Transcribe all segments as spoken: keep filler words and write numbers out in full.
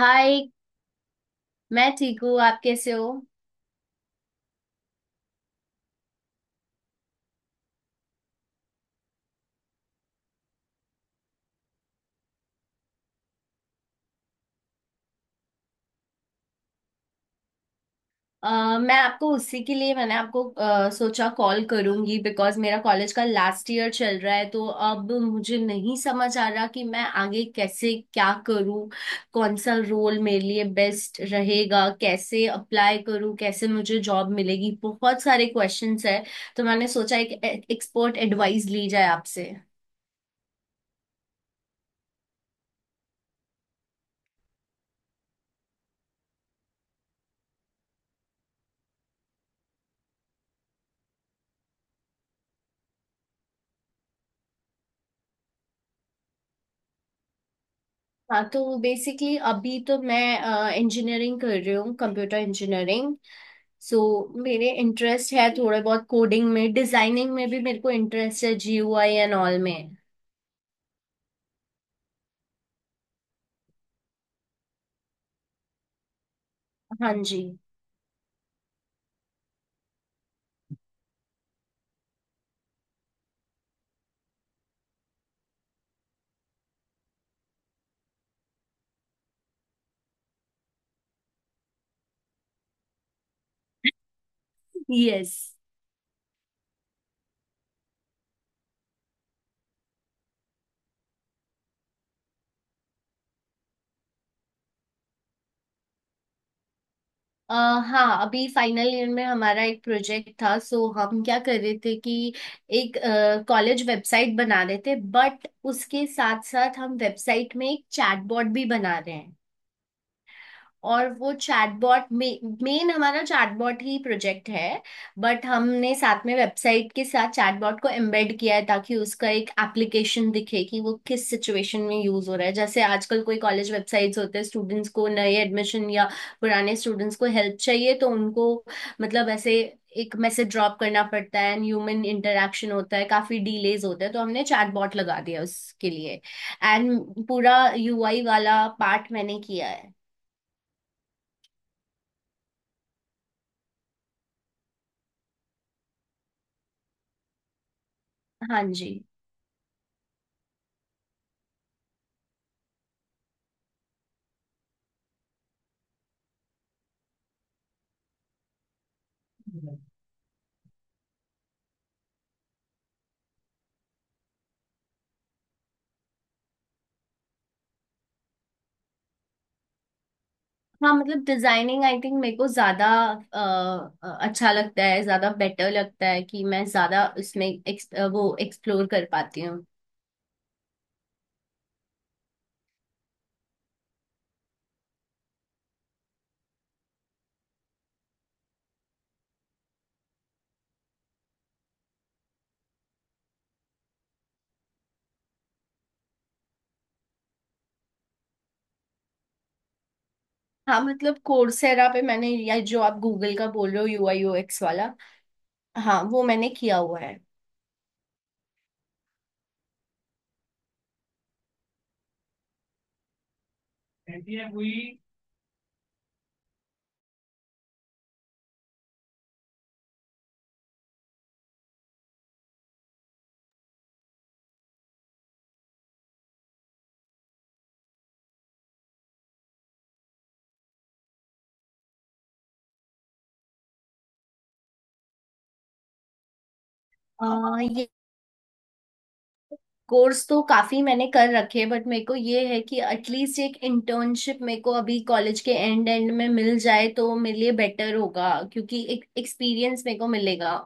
हाय। मैं ठीक हूँ, आप कैसे हो। अ, मैं आपको उसी के लिए मैंने आपको अ, सोचा कॉल करूंगी बिकॉज मेरा कॉलेज का लास्ट ईयर चल रहा है, तो अब मुझे नहीं समझ आ रहा कि मैं आगे कैसे क्या करूँ, कौन सा रोल मेरे लिए बेस्ट रहेगा, कैसे अप्लाई करूँ, कैसे मुझे जॉब मिलेगी। बहुत सारे क्वेश्चंस है, तो मैंने सोचा एक एक्सपर्ट एडवाइस ली जाए आपसे। हाँ, तो बेसिकली अभी तो मैं इंजीनियरिंग कर रही हूँ, कंप्यूटर इंजीनियरिंग। सो so, मेरे इंटरेस्ट है थोड़े बहुत कोडिंग में, डिजाइनिंग में भी मेरे को इंटरेस्ट है, जी यू आई एंड ऑल में। हाँ जी। यस। हाँ, अभी फाइनल ईयर में हमारा एक प्रोजेक्ट था, सो हम क्या कर रहे थे कि एक कॉलेज वेबसाइट बना रहे थे, बट उसके साथ साथ हम वेबसाइट में एक चैटबॉट भी बना रहे हैं। और वो चैटबॉट, मेन हमारा चैटबॉट ही प्रोजेक्ट है, बट हमने साथ में वेबसाइट के साथ चैटबॉट को एम्बेड किया है ताकि उसका एक एप्लीकेशन दिखे कि वो किस सिचुएशन में यूज हो रहा है। जैसे आजकल कोई कॉलेज वेबसाइट्स होते हैं, स्टूडेंट्स को नए एडमिशन या पुराने स्टूडेंट्स को हेल्प चाहिए तो उनको, मतलब ऐसे एक मैसेज ड्रॉप करना पड़ता है एंड ह्यूमन इंटरेक्शन होता है, काफी डिलेज होता है, तो हमने चैटबॉट लगा दिया उसके लिए। एंड पूरा यू आई वाला पार्ट मैंने किया है। हाँ जी। हाँ, मतलब डिजाइनिंग आई थिंक मेरे को ज्यादा अ, अ, अच्छा लगता है, ज्यादा बेटर लगता है कि मैं ज्यादा इसमें एक्स, अ, वो एक्सप्लोर कर पाती हूँ। हाँ मतलब कोर्सेरा पे मैंने, या जो आप गूगल का बोल रहे हो यू आई यू एक्स वाला। हाँ, वो मैंने किया हुआ है। अ, ये कोर्स तो काफी मैंने कर रखे, बट मेरे को ये है कि एटलीस्ट एक इंटर्नशिप मेरे को अभी कॉलेज के एंड एंड में मिल जाए तो मेरे लिए बेटर होगा, क्योंकि एक एक्सपीरियंस मेरे को मिलेगा।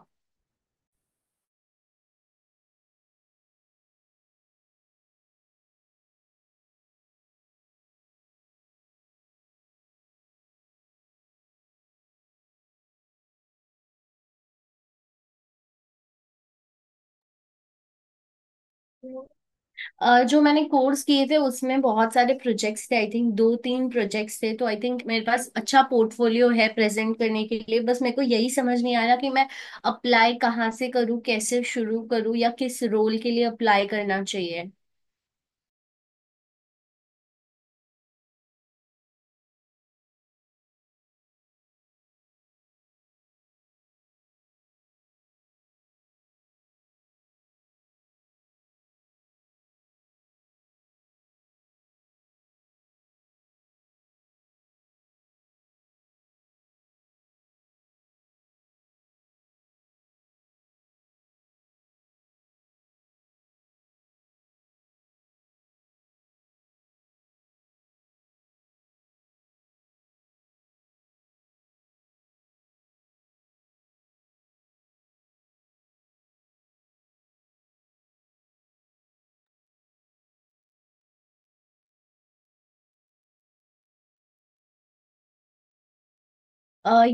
अ, जो मैंने कोर्स किए थे उसमें बहुत सारे प्रोजेक्ट्स थे, आई थिंक दो तीन प्रोजेक्ट्स थे, तो आई थिंक मेरे पास अच्छा पोर्टफोलियो है प्रेजेंट करने के लिए। बस मेरे को यही समझ नहीं आ रहा कि मैं अप्लाई कहाँ से करूँ, कैसे शुरू करूँ, या किस रोल के लिए अप्लाई करना चाहिए।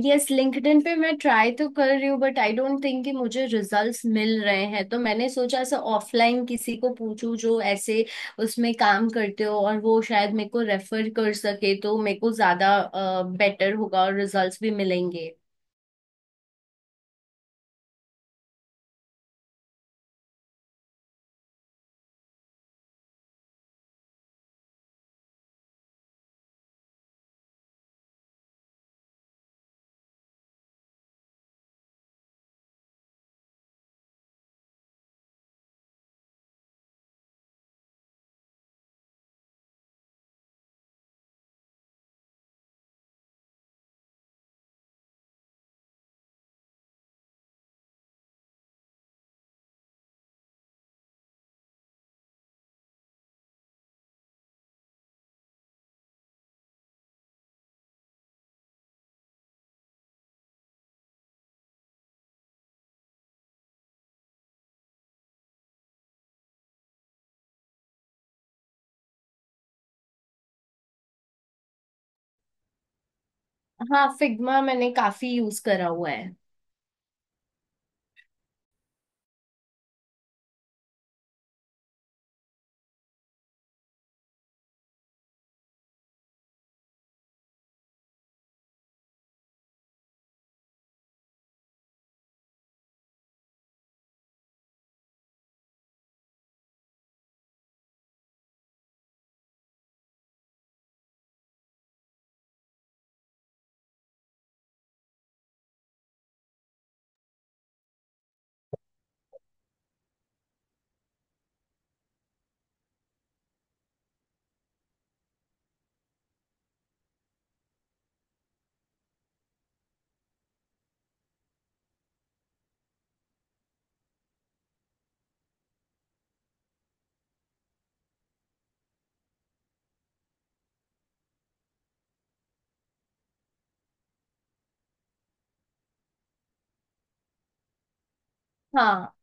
यस, लिंक्डइन पे मैं ट्राई तो कर रही हूँ, बट आई डोंट थिंक कि मुझे रिजल्ट्स मिल रहे हैं, तो मैंने सोचा ऐसा ऑफलाइन किसी को पूछूं जो ऐसे उसमें काम करते हो, और वो शायद मेरे को रेफर कर सके, तो मेरे को ज्यादा बेटर होगा और रिजल्ट्स भी मिलेंगे। हाँ, फिग्मा मैंने काफी यूज करा हुआ है। हाँ।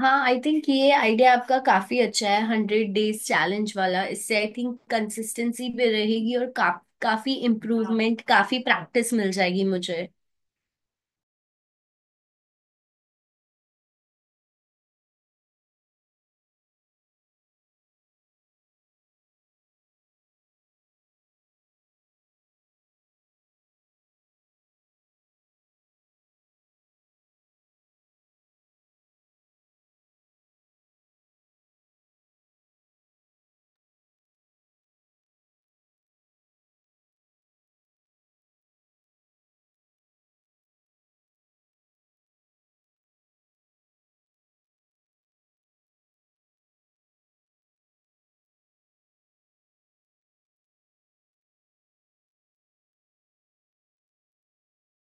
हाँ, आई थिंक ये आइडिया आपका काफी अच्छा है, हंड्रेड डेज चैलेंज वाला। इससे आई थिंक कंसिस्टेंसी भी रहेगी और का, काफी इम्प्रूवमेंट, काफी प्रैक्टिस मिल जाएगी मुझे।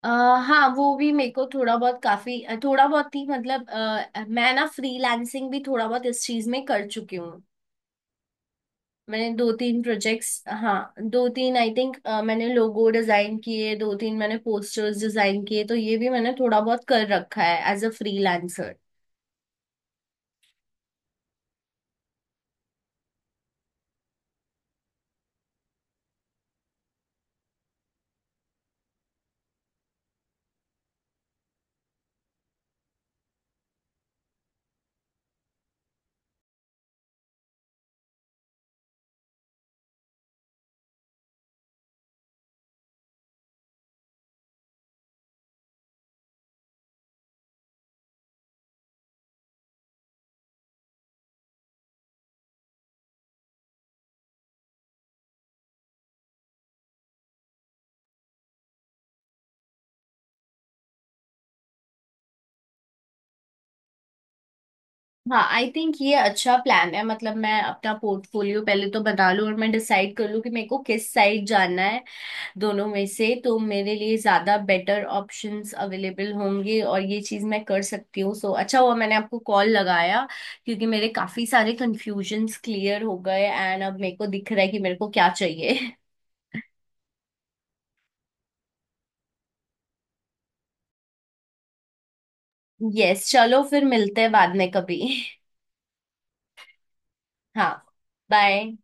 अ, हाँ, वो भी मेरे को थोड़ा बहुत, काफी अ, थोड़ा बहुत ही मतलब, अ, मैं ना फ्रीलांसिंग भी थोड़ा बहुत इस चीज में कर चुकी हूँ। मैंने दो तीन प्रोजेक्ट्स, हाँ दो तीन आई थिंक, मैंने लोगो डिजाइन किए दो तीन, मैंने पोस्टर्स डिजाइन किए। तो ये भी मैंने थोड़ा बहुत कर रखा है एज अ फ्रीलांसर। हाँ, आई थिंक ये अच्छा प्लान है, मतलब मैं अपना पोर्टफोलियो पहले तो बना लूँ और मैं डिसाइड कर लूँ कि मेरे को किस साइड जाना है, दोनों में से, तो मेरे लिए ज्यादा बेटर ऑप्शंस अवेलेबल होंगे और ये चीज मैं कर सकती हूँ। सो अच्छा हुआ मैंने आपको कॉल लगाया, क्योंकि मेरे काफी सारे कंफ्यूजन्स क्लियर हो गए, एंड अब मेरे को दिख रहा है कि मेरे को क्या चाहिए। यस, चलो फिर मिलते हैं बाद में कभी। हाँ, बाय।